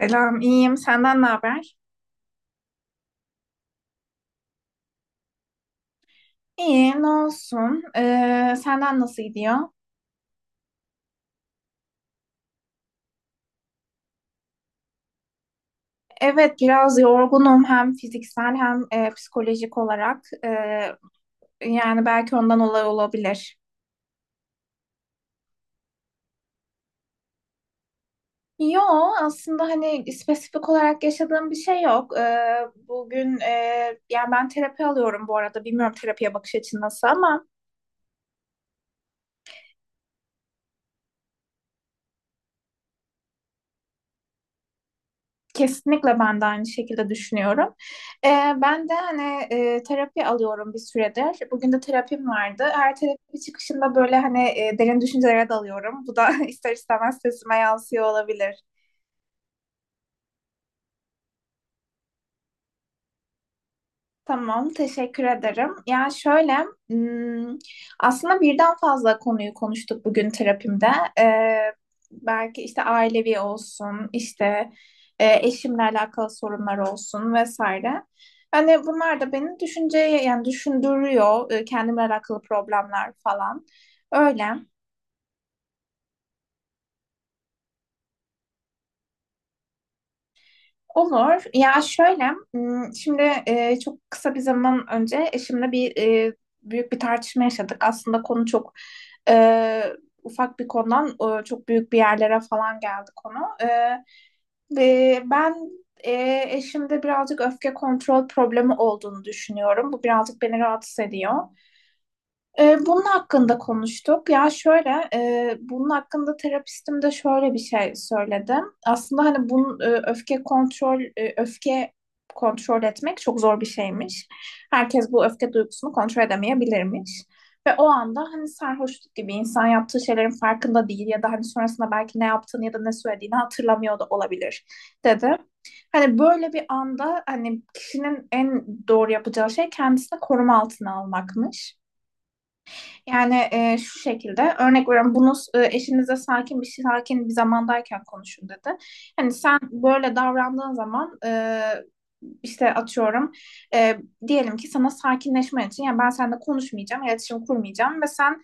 Selam, iyiyim. Senden ne haber? İyiyim, ne olsun? Senden nasıl gidiyor? Evet, biraz yorgunum hem fiziksel hem psikolojik olarak. Yani belki ondan olay olabilir. Yo, aslında hani spesifik olarak yaşadığım bir şey yok. Bugün yani ben terapi alıyorum bu arada. Bilmiyorum terapiye bakış açın nasıl ama. Kesinlikle ben de aynı şekilde düşünüyorum. Ee, ben de hani terapi alıyorum bir süredir. Bugün de terapim vardı. Her terapi çıkışında böyle hani derin düşüncelere dalıyorum. Bu da ister istemez sesime yansıyor olabilir. Tamam, teşekkür ederim. Yani şöyle, hmm, aslında birden fazla konuyu konuştuk bugün terapimde. Ee, belki işte ailevi olsun, işte eşimle alakalı sorunlar olsun vesaire. Hani bunlar da beni düşünceye yani düşündürüyor, kendimle alakalı problemler falan. Öyle. Olur. Ya şöyle, şimdi çok kısa bir zaman önce eşimle bir büyük bir tartışma yaşadık. Aslında konu çok e, ufak bir konudan çok büyük bir yerlere falan geldi konu. Ve ben eşimde birazcık öfke kontrol problemi olduğunu düşünüyorum. Bu birazcık beni rahatsız ediyor. Bunun hakkında konuştuk. Ya şöyle, bunun hakkında terapistim de şöyle bir şey söyledim. Aslında hani bunun öfke kontrol, öfke kontrol etmek çok zor bir şeymiş. Herkes bu öfke duygusunu kontrol edemeyebilirmiş. Ve o anda hani sarhoşluk gibi insan yaptığı şeylerin farkında değil ya da hani sonrasında belki ne yaptığını ya da ne söylediğini hatırlamıyor da olabilir dedi. Hani böyle bir anda hani kişinin en doğru yapacağı şey kendisini koruma altına almakmış. Yani şu şekilde örnek veriyorum bunu eşinize sakin bir zamandayken konuşun dedi. Hani sen böyle davrandığın zaman işte atıyorum e, diyelim ki sana sakinleşmen için yani ben seninle konuşmayacağım, iletişim kurmayacağım ve sen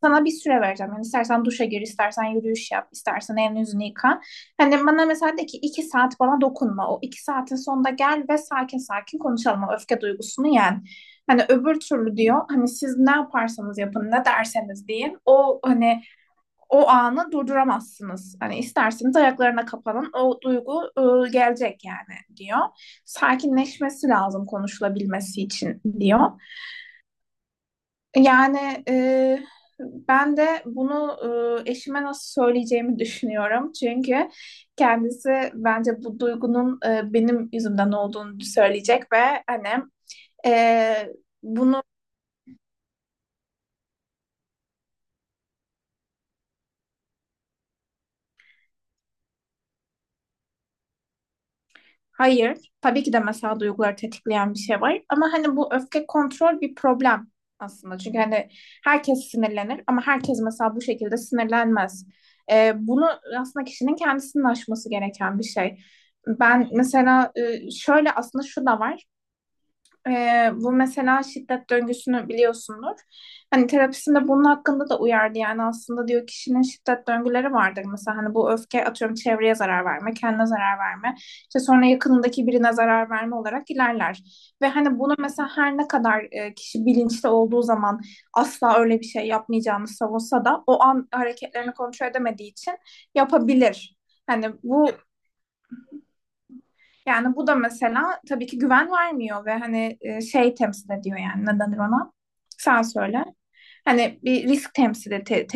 sana bir süre vereceğim. Yani istersen duşa gir, istersen yürüyüş yap, istersen elini yüzünü yıka. Hani bana mesela de ki iki saat bana dokunma. O iki saatin sonunda gel ve sakin sakin konuşalım. O öfke duygusunu yen. Hani öbür türlü diyor hani siz ne yaparsanız yapın ne derseniz deyin o hani o anı durduramazsınız. Hani isterseniz ayaklarına kapanın o duygu gelecek yani diyor. Sakinleşmesi lazım konuşulabilmesi için diyor. Yani ben de bunu eşime nasıl söyleyeceğimi düşünüyorum. Çünkü kendisi bence bu duygunun benim yüzümden olduğunu söyleyecek ve hani e, bunu. Hayır, tabii ki de mesela duyguları tetikleyen bir şey var. Ama hani bu öfke kontrol bir problem aslında. Çünkü hani herkes sinirlenir ama herkes mesela bu şekilde sinirlenmez. Bunu aslında kişinin kendisinin aşması gereken bir şey. Ben mesela şöyle aslında şu da var. Bu mesela şiddet döngüsünü biliyorsundur. Hani terapisinde bunun hakkında da uyardı yani aslında diyor kişinin şiddet döngüleri vardır. Mesela hani bu öfke atıyorum çevreye zarar verme, kendine zarar verme, işte sonra yakınındaki birine zarar verme olarak ilerler. Ve hani bunu mesela her ne kadar kişi bilinçli olduğu zaman asla öyle bir şey yapmayacağını savunsa da o an hareketlerini kontrol edemediği için yapabilir. Hani bu yani bu da mesela tabii ki güven vermiyor ve hani şey temsil ediyor yani ne denir ona? Sen söyle. Hani bir risk temsil et,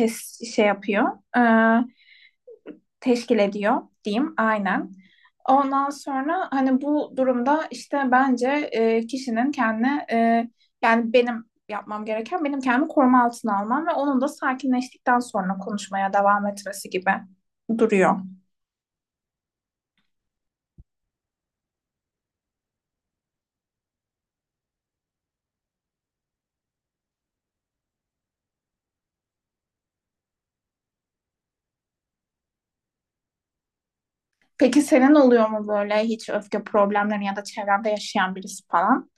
şey yapıyor. Ee, teşkil ediyor diyeyim aynen. Ondan sonra hani bu durumda işte bence kişinin kendine yani benim yapmam gereken benim kendimi koruma altına almam ve onun da sakinleştikten sonra konuşmaya devam etmesi gibi duruyor. Peki senin oluyor mu böyle hiç öfke problemleri ya da çevrende yaşayan birisi falan?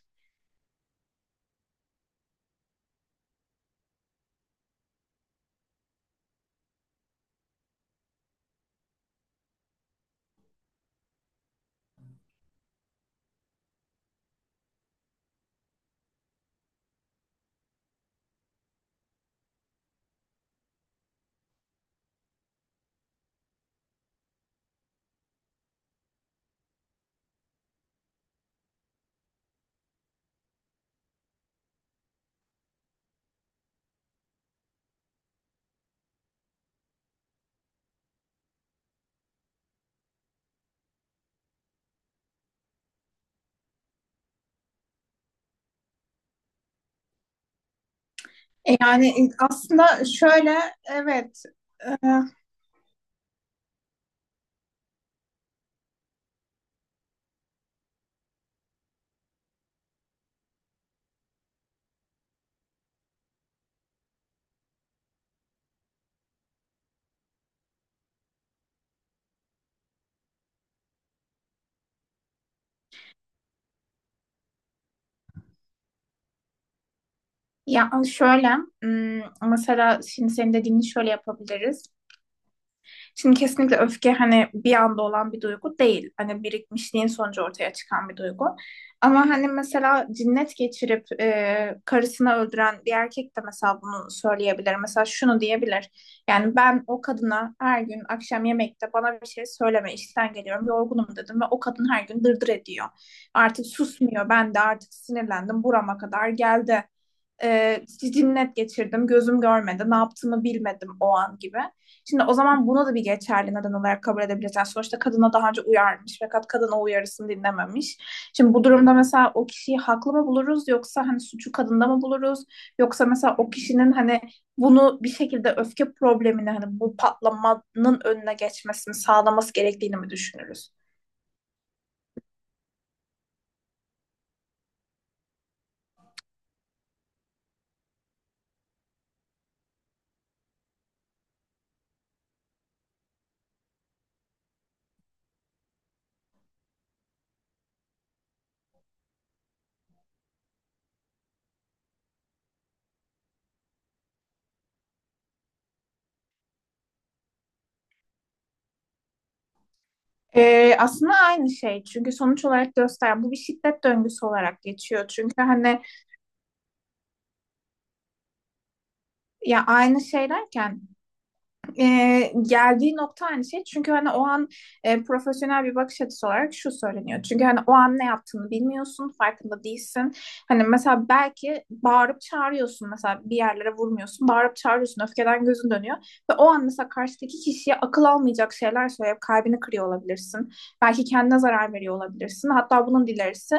Yani aslında şöyle evet e, ya şöyle mesela şimdi senin dediğini şöyle yapabiliriz. Şimdi kesinlikle öfke hani bir anda olan bir duygu değil. Hani birikmişliğin sonucu ortaya çıkan bir duygu. Ama hani mesela cinnet geçirip karısını öldüren bir erkek de mesela bunu söyleyebilir. Mesela şunu diyebilir. Yani ben o kadına her gün akşam yemekte bana bir şey söyleme işten geliyorum yorgunum dedim ve o kadın her gün dırdır ediyor. Artık susmuyor ben de artık sinirlendim burama kadar geldi. E, cinnet geçirdim gözüm görmedi ne yaptığımı bilmedim o an gibi. Şimdi o zaman buna da bir geçerli neden olarak kabul edebileceğiz. Sonuçta kadına daha önce uyarmış fakat kadın o uyarısını dinlememiş. Şimdi bu durumda mesela o kişiyi haklı mı buluruz yoksa hani suçu kadında mı buluruz? Yoksa mesela o kişinin hani bunu bir şekilde öfke problemini hani bu patlamanın önüne geçmesini sağlaması gerektiğini mi düşünürüz? Aslında aynı şey çünkü sonuç olarak gösteren bu bir şiddet döngüsü olarak geçiyor. Çünkü hani ya aynı şeylerken e, geldiği nokta aynı şey. Çünkü hani o an profesyonel bir bakış açısı olarak şu söyleniyor. Çünkü hani o an ne yaptığını bilmiyorsun, farkında değilsin. Hani mesela belki bağırıp çağırıyorsun mesela bir yerlere vurmuyorsun, bağırıp çağırıyorsun, öfkeden gözün dönüyor. Ve o an mesela karşıdaki kişiye akıl almayacak şeyler söyleyip kalbini kırıyor olabilirsin. Belki kendine zarar veriyor olabilirsin. Hatta bunun dilerisi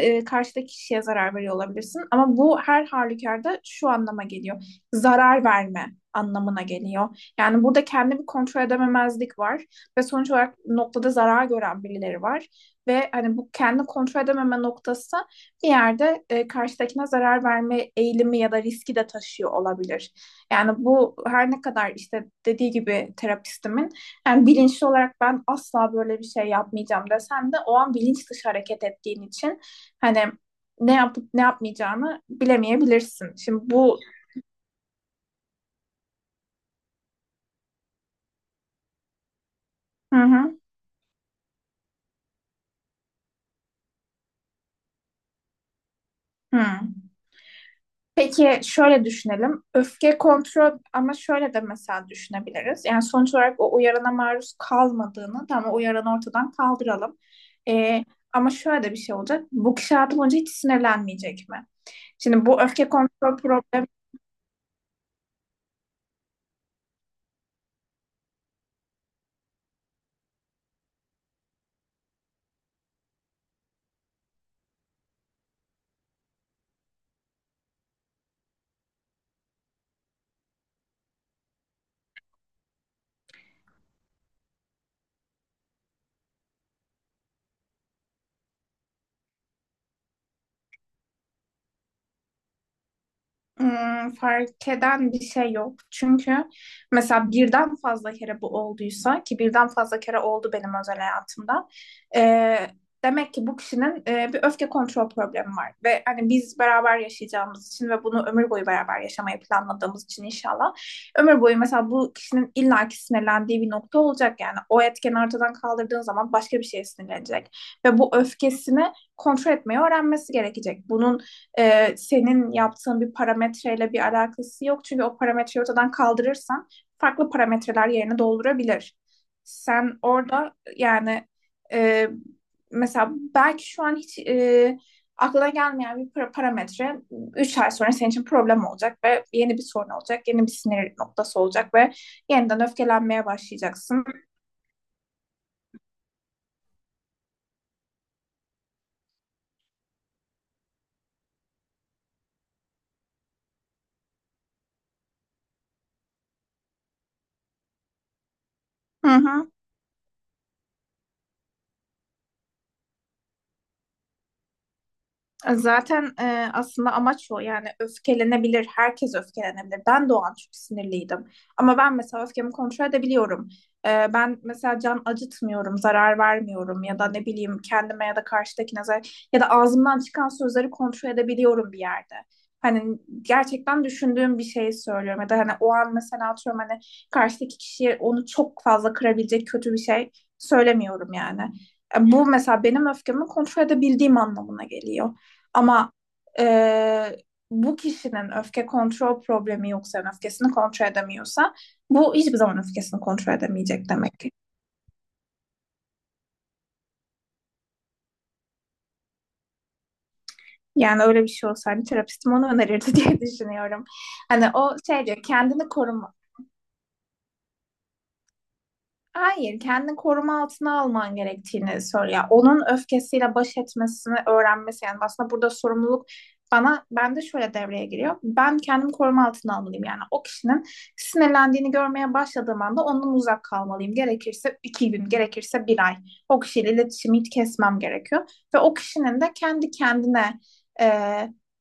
karşıdaki kişiye zarar veriyor olabilirsin. Ama bu her halükarda şu anlama geliyor. Zarar verme anlamına geliyor. Yani burada kendimi kontrol edememezlik var ve sonuç olarak noktada zarar gören birileri var ve hani bu kendi kontrol edememe noktası bir yerde karşıdakine zarar verme eğilimi ya da riski de taşıyor olabilir. Yani bu her ne kadar işte dediği gibi terapistimin yani bilinçli olarak ben asla böyle bir şey yapmayacağım desem de o an bilinç dışı hareket ettiğin için hani ne yapıp ne yapmayacağını bilemeyebilirsin. Şimdi bu hı hı, hı. Peki şöyle düşünelim. Öfke kontrol ama şöyle de mesela düşünebiliriz. Yani sonuç olarak o uyarana maruz kalmadığını tamam o uyaranı ortadan kaldıralım. Ee, ama şöyle de bir şey olacak. Bu kişi hayatı boyunca hiç sinirlenmeyecek mi? Şimdi bu öfke kontrol problemi. Fark eden bir şey yok. Çünkü mesela birden fazla kere bu olduysa ki birden fazla kere oldu benim özel hayatımda. e, demek ki bu kişinin bir öfke kontrol problemi var. Ve hani biz beraber yaşayacağımız için ve bunu ömür boyu beraber yaşamayı planladığımız için inşallah ömür boyu mesela bu kişinin illaki sinirlendiği bir nokta olacak. Yani o etkeni ortadan kaldırdığın zaman başka bir şeye sinirlenecek. Ve bu öfkesini kontrol etmeyi öğrenmesi gerekecek. Bunun senin yaptığın bir parametreyle bir alakası yok. Çünkü o parametreyi ortadan kaldırırsan farklı parametreler yerini doldurabilir. Sen orada yani e, mesela belki şu an hiç aklına gelmeyen bir parametre 3 ay sonra senin için problem olacak ve yeni bir sorun olacak, yeni bir sinir noktası olacak ve yeniden öfkelenmeye başlayacaksın. Hı hı. Zaten aslında amaç o yani öfkelenebilir, herkes öfkelenebilir. Ben de o an çok sinirliydim. Ama ben mesela öfkemi kontrol edebiliyorum. Ben mesela can acıtmıyorum, zarar vermiyorum ya da ne bileyim kendime ya da karşıdakine ya da ağzımdan çıkan sözleri kontrol edebiliyorum bir yerde. Hani gerçekten düşündüğüm bir şeyi söylüyorum ya da hani o an mesela atıyorum hani karşıdaki kişiye onu çok fazla kırabilecek kötü bir şey söylemiyorum yani. Bu mesela benim öfkemi kontrol edebildiğim anlamına geliyor. Ama e, bu kişinin öfke kontrol problemi yoksa, yani öfkesini kontrol edemiyorsa bu hiçbir zaman öfkesini kontrol edemeyecek demek ki. Yani öyle bir şey olsaydı terapistim onu önerirdi diye düşünüyorum. Hani o şey diyor kendini koruma, hayır, kendini koruma altına alman gerektiğini söylüyor. Onun öfkesiyle baş etmesini öğrenmesi yani aslında burada sorumluluk bana ben de şöyle devreye giriyor. Ben kendimi koruma altına almalıyım yani o kişinin sinirlendiğini görmeye başladığım anda ondan uzak kalmalıyım. Gerekirse iki gün, gerekirse bir ay o kişiyle iletişimi hiç kesmem gerekiyor ve o kişinin de kendi kendine e,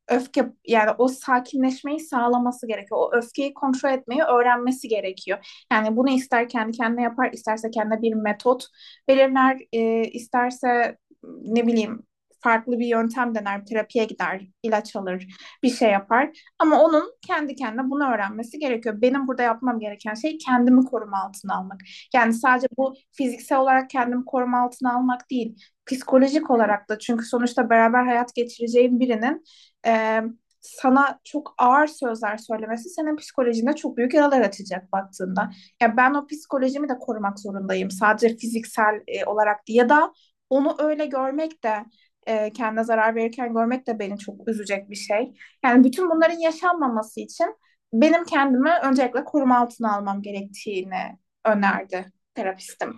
öfke yani o sakinleşmeyi sağlaması gerekiyor. O öfkeyi kontrol etmeyi öğrenmesi gerekiyor. Yani bunu ister kendi kendine yapar, isterse kendine bir metot belirler, isterse ne bileyim farklı bir yöntem dener, terapiye gider, ilaç alır, bir şey yapar. Ama onun kendi kendine bunu öğrenmesi gerekiyor. Benim burada yapmam gereken şey kendimi koruma altına almak. Yani sadece bu fiziksel olarak kendimi koruma altına almak değil, psikolojik olarak da çünkü sonuçta beraber hayat geçireceğin birinin e, sana çok ağır sözler söylemesi senin psikolojinde çok büyük yaralar açacak baktığında. Ya ben o psikolojimi de korumak zorundayım. Sadece fiziksel olarak değil. Ya da onu öyle görmek de kendine zarar verirken görmek de beni çok üzecek bir şey. Yani bütün bunların yaşanmaması için benim kendimi öncelikle koruma altına almam gerektiğini önerdi terapistim.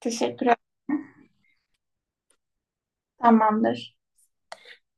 Teşekkür ederim. Tamamdır.